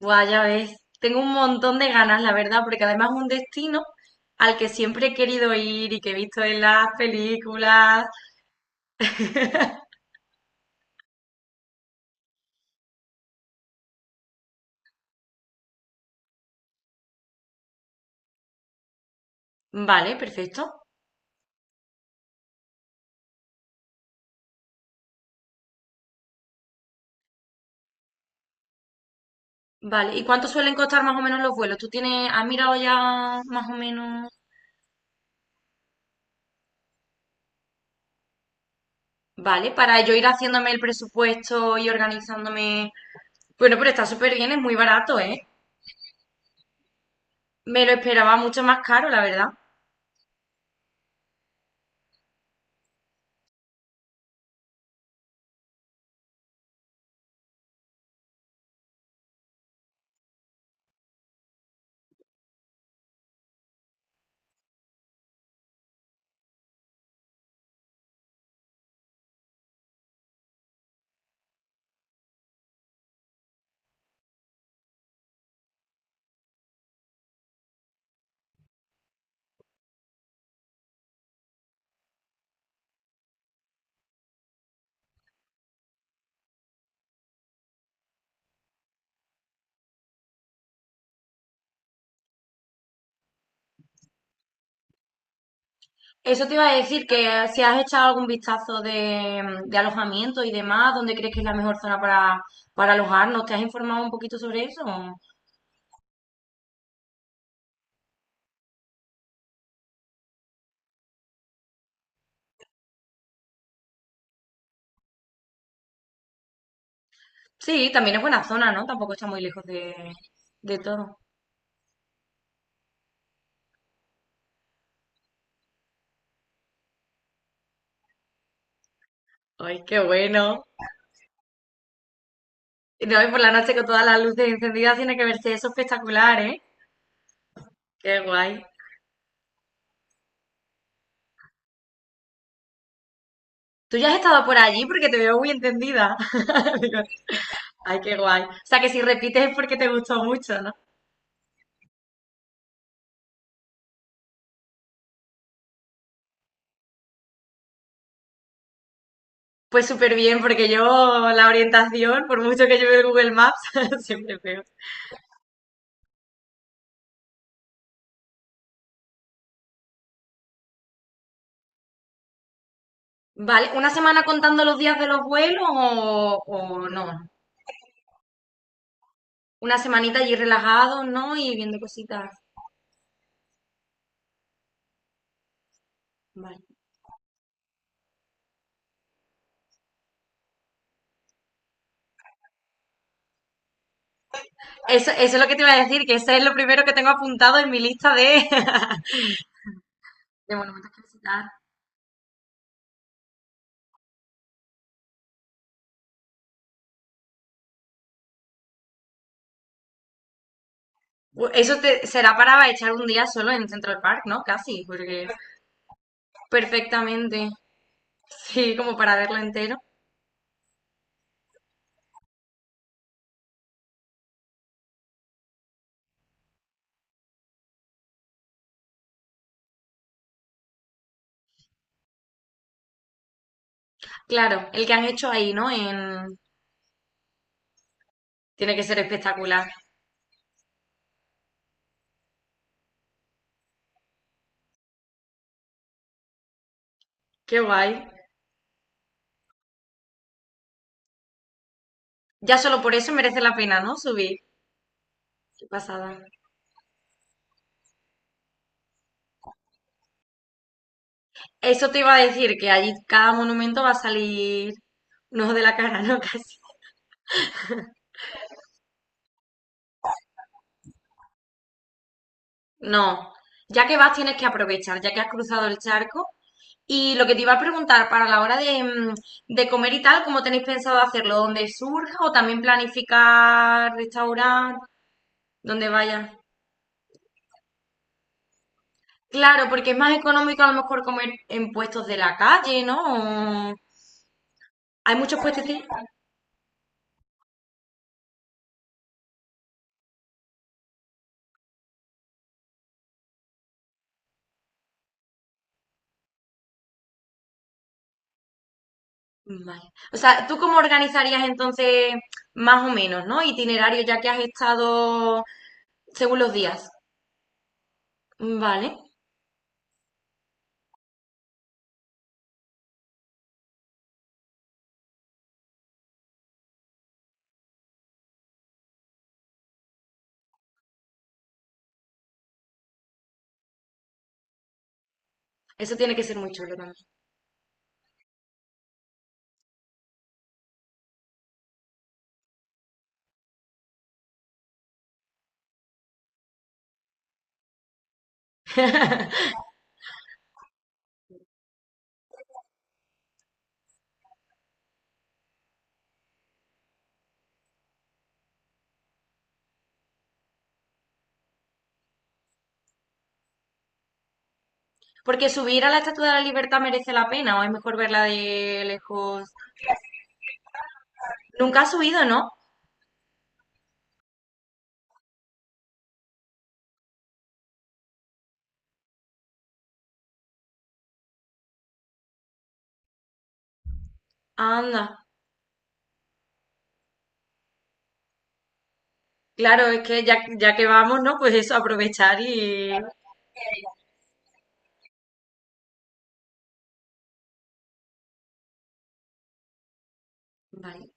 Buah, ya ves, tengo un montón de ganas, la verdad, porque además es un destino al que siempre he querido ir y que he visto en las películas. Vale, perfecto. Vale, ¿y cuánto suelen costar más o menos los vuelos? ¿Tú tienes, has mirado ya más o menos? Vale, para yo ir haciéndome el presupuesto y organizándome. Bueno, pero está súper bien, es muy barato, ¿eh? Me lo esperaba mucho más caro, la verdad. Eso te iba a decir, que si has echado algún vistazo de, de alojamiento y demás, ¿dónde crees que es la mejor zona para alojarnos? ¿Te has informado un poquito sobre eso? Sí, también es buena zona, ¿no? Tampoco está muy lejos de todo. ¡Ay, qué bueno! Y no, y por la noche con todas las luces encendidas tiene que verse eso espectacular, ¿eh? ¡Qué guay! ¿Tú ya has estado por allí? Porque te veo muy encendida. Digo, ¡ay, qué guay! O sea, que si repites es porque te gustó mucho, ¿no? Pues súper bien, porque yo la orientación, por mucho que lleve el Google Maps, siempre peor. Vale, ¿una semana contando los días de los vuelos o no? Una semanita allí relajado, ¿no? Y viendo cositas. Vale. Eso es lo que te iba a decir, que ese es lo primero que tengo apuntado en mi lista de, de monumentos que visitar. Bu- eso te, será para echar un día solo en Central Park, ¿no? Casi, porque perfectamente. Sí, como para verlo entero. Claro, el que han hecho ahí, ¿no? En, tiene que ser espectacular. Qué guay. Ya solo por eso merece la pena, ¿no? Subir. Qué pasada. Eso te iba a decir, que allí cada monumento va a salir un ojo de la cara, ¿no? Casi. No. Ya que vas, tienes que aprovechar, ya que has cruzado el charco. Y lo que te iba a preguntar, para la hora de, de comer y tal, ¿cómo tenéis pensado hacerlo? ¿Dónde surja o también planificar restaurar? ¿Dónde vaya? Claro, porque es más económico a lo mejor comer en puestos de la calle, ¿no? O- hay muchos puestos. Vale. O sea, ¿tú cómo organizarías entonces más o menos, ¿no? Itinerario ya que has estado según los días. Vale. Eso tiene que ser muy chulo también. Porque subir a la Estatua de la Libertad merece la pena o es mejor verla de lejos. Nunca has subido, ¿no? Anda. Claro, es que ya, ya que vamos, ¿no? Pues eso, aprovechar y... Vale.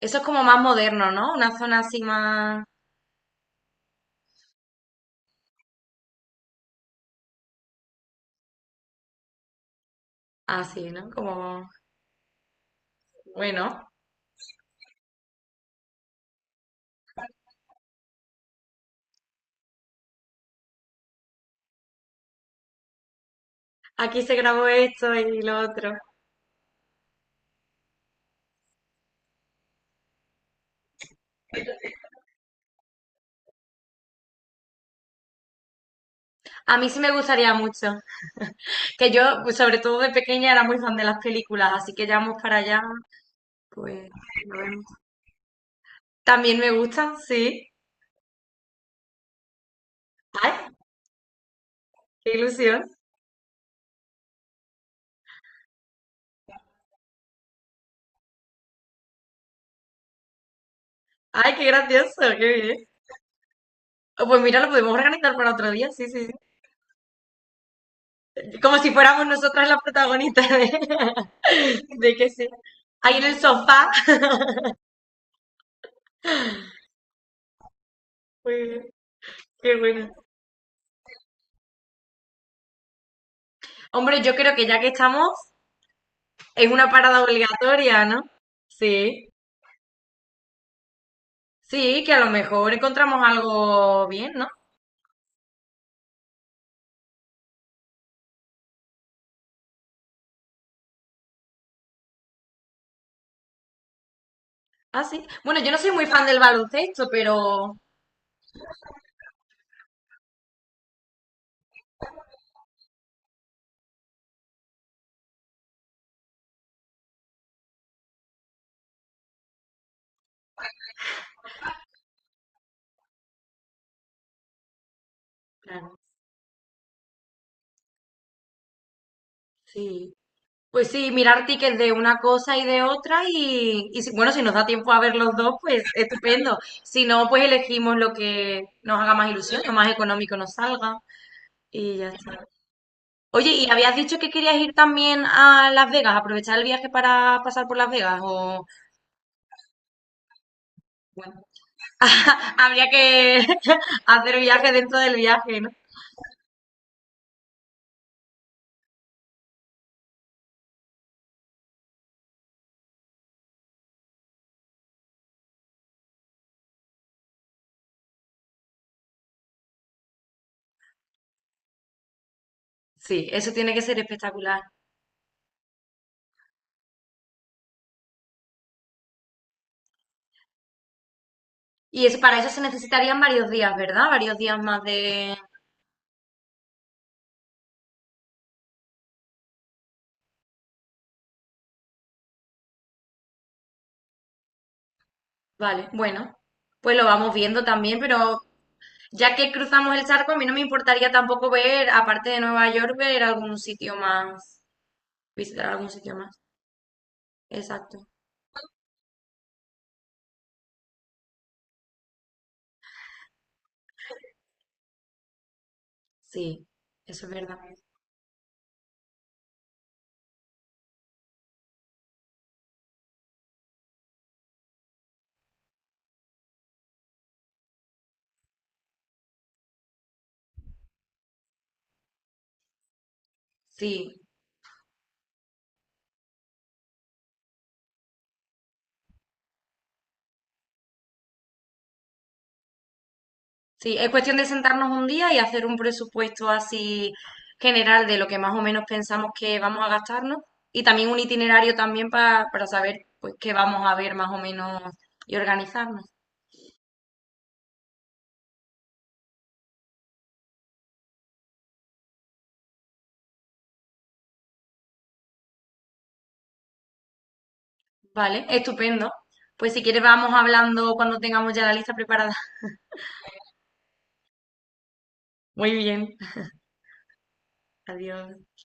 Eso es como más moderno, ¿no? Una zona así más... Así, ¿no? Como... Bueno, aquí se grabó esto y lo otro. A mí sí me gustaría mucho. Que yo, pues, sobre todo de pequeña, era muy fan de las películas, así que ya vamos para allá, pues lo vemos. También me gustan, sí. ¡Ay, qué ilusión! ¡Ay, qué gracioso! ¡Qué bien! Oh, pues mira, lo podemos organizar para otro día, sí, sí, sí. Como si fuéramos nosotras las protagonistas de, de que sí. Ahí en el sofá. Muy bien. Qué bueno. Hombre, yo creo que ya que estamos, es una parada obligatoria, ¿no? Sí, sí, que a lo mejor encontramos algo bien, ¿no? Ah, sí. Bueno, yo no soy muy fan del baloncesto, pero claro, sí. Pues sí, mirar tickets de una cosa y de otra y si- bueno, si nos da tiempo a ver los dos, pues estupendo. Si no, pues elegimos lo que nos haga más ilusión, lo más económico nos salga y ya está. Oye, ¿y habías dicho que querías ir también a Las Vegas, aprovechar el viaje para pasar por Las Vegas? O bueno, habría que hacer viaje dentro del viaje, ¿no? Sí, eso tiene que ser espectacular. Y eso, para eso se necesitarían varios días, ¿verdad? Varios días más de... Vale, bueno, pues lo vamos viendo también, pero ya que cruzamos el charco, a mí no me importaría tampoco ver, aparte de Nueva York, ver algún sitio más, visitar algún sitio más. Exacto. Sí, eso es verdad. Sí, sí, es cuestión de sentarnos un día y hacer un presupuesto así general de lo que más o menos pensamos que vamos a gastarnos y también un itinerario también pa- para saber pues qué vamos a ver más o menos y organizarnos. Vale, estupendo. Pues si quieres vamos hablando cuando tengamos ya la lista preparada. Muy bien. Adiós.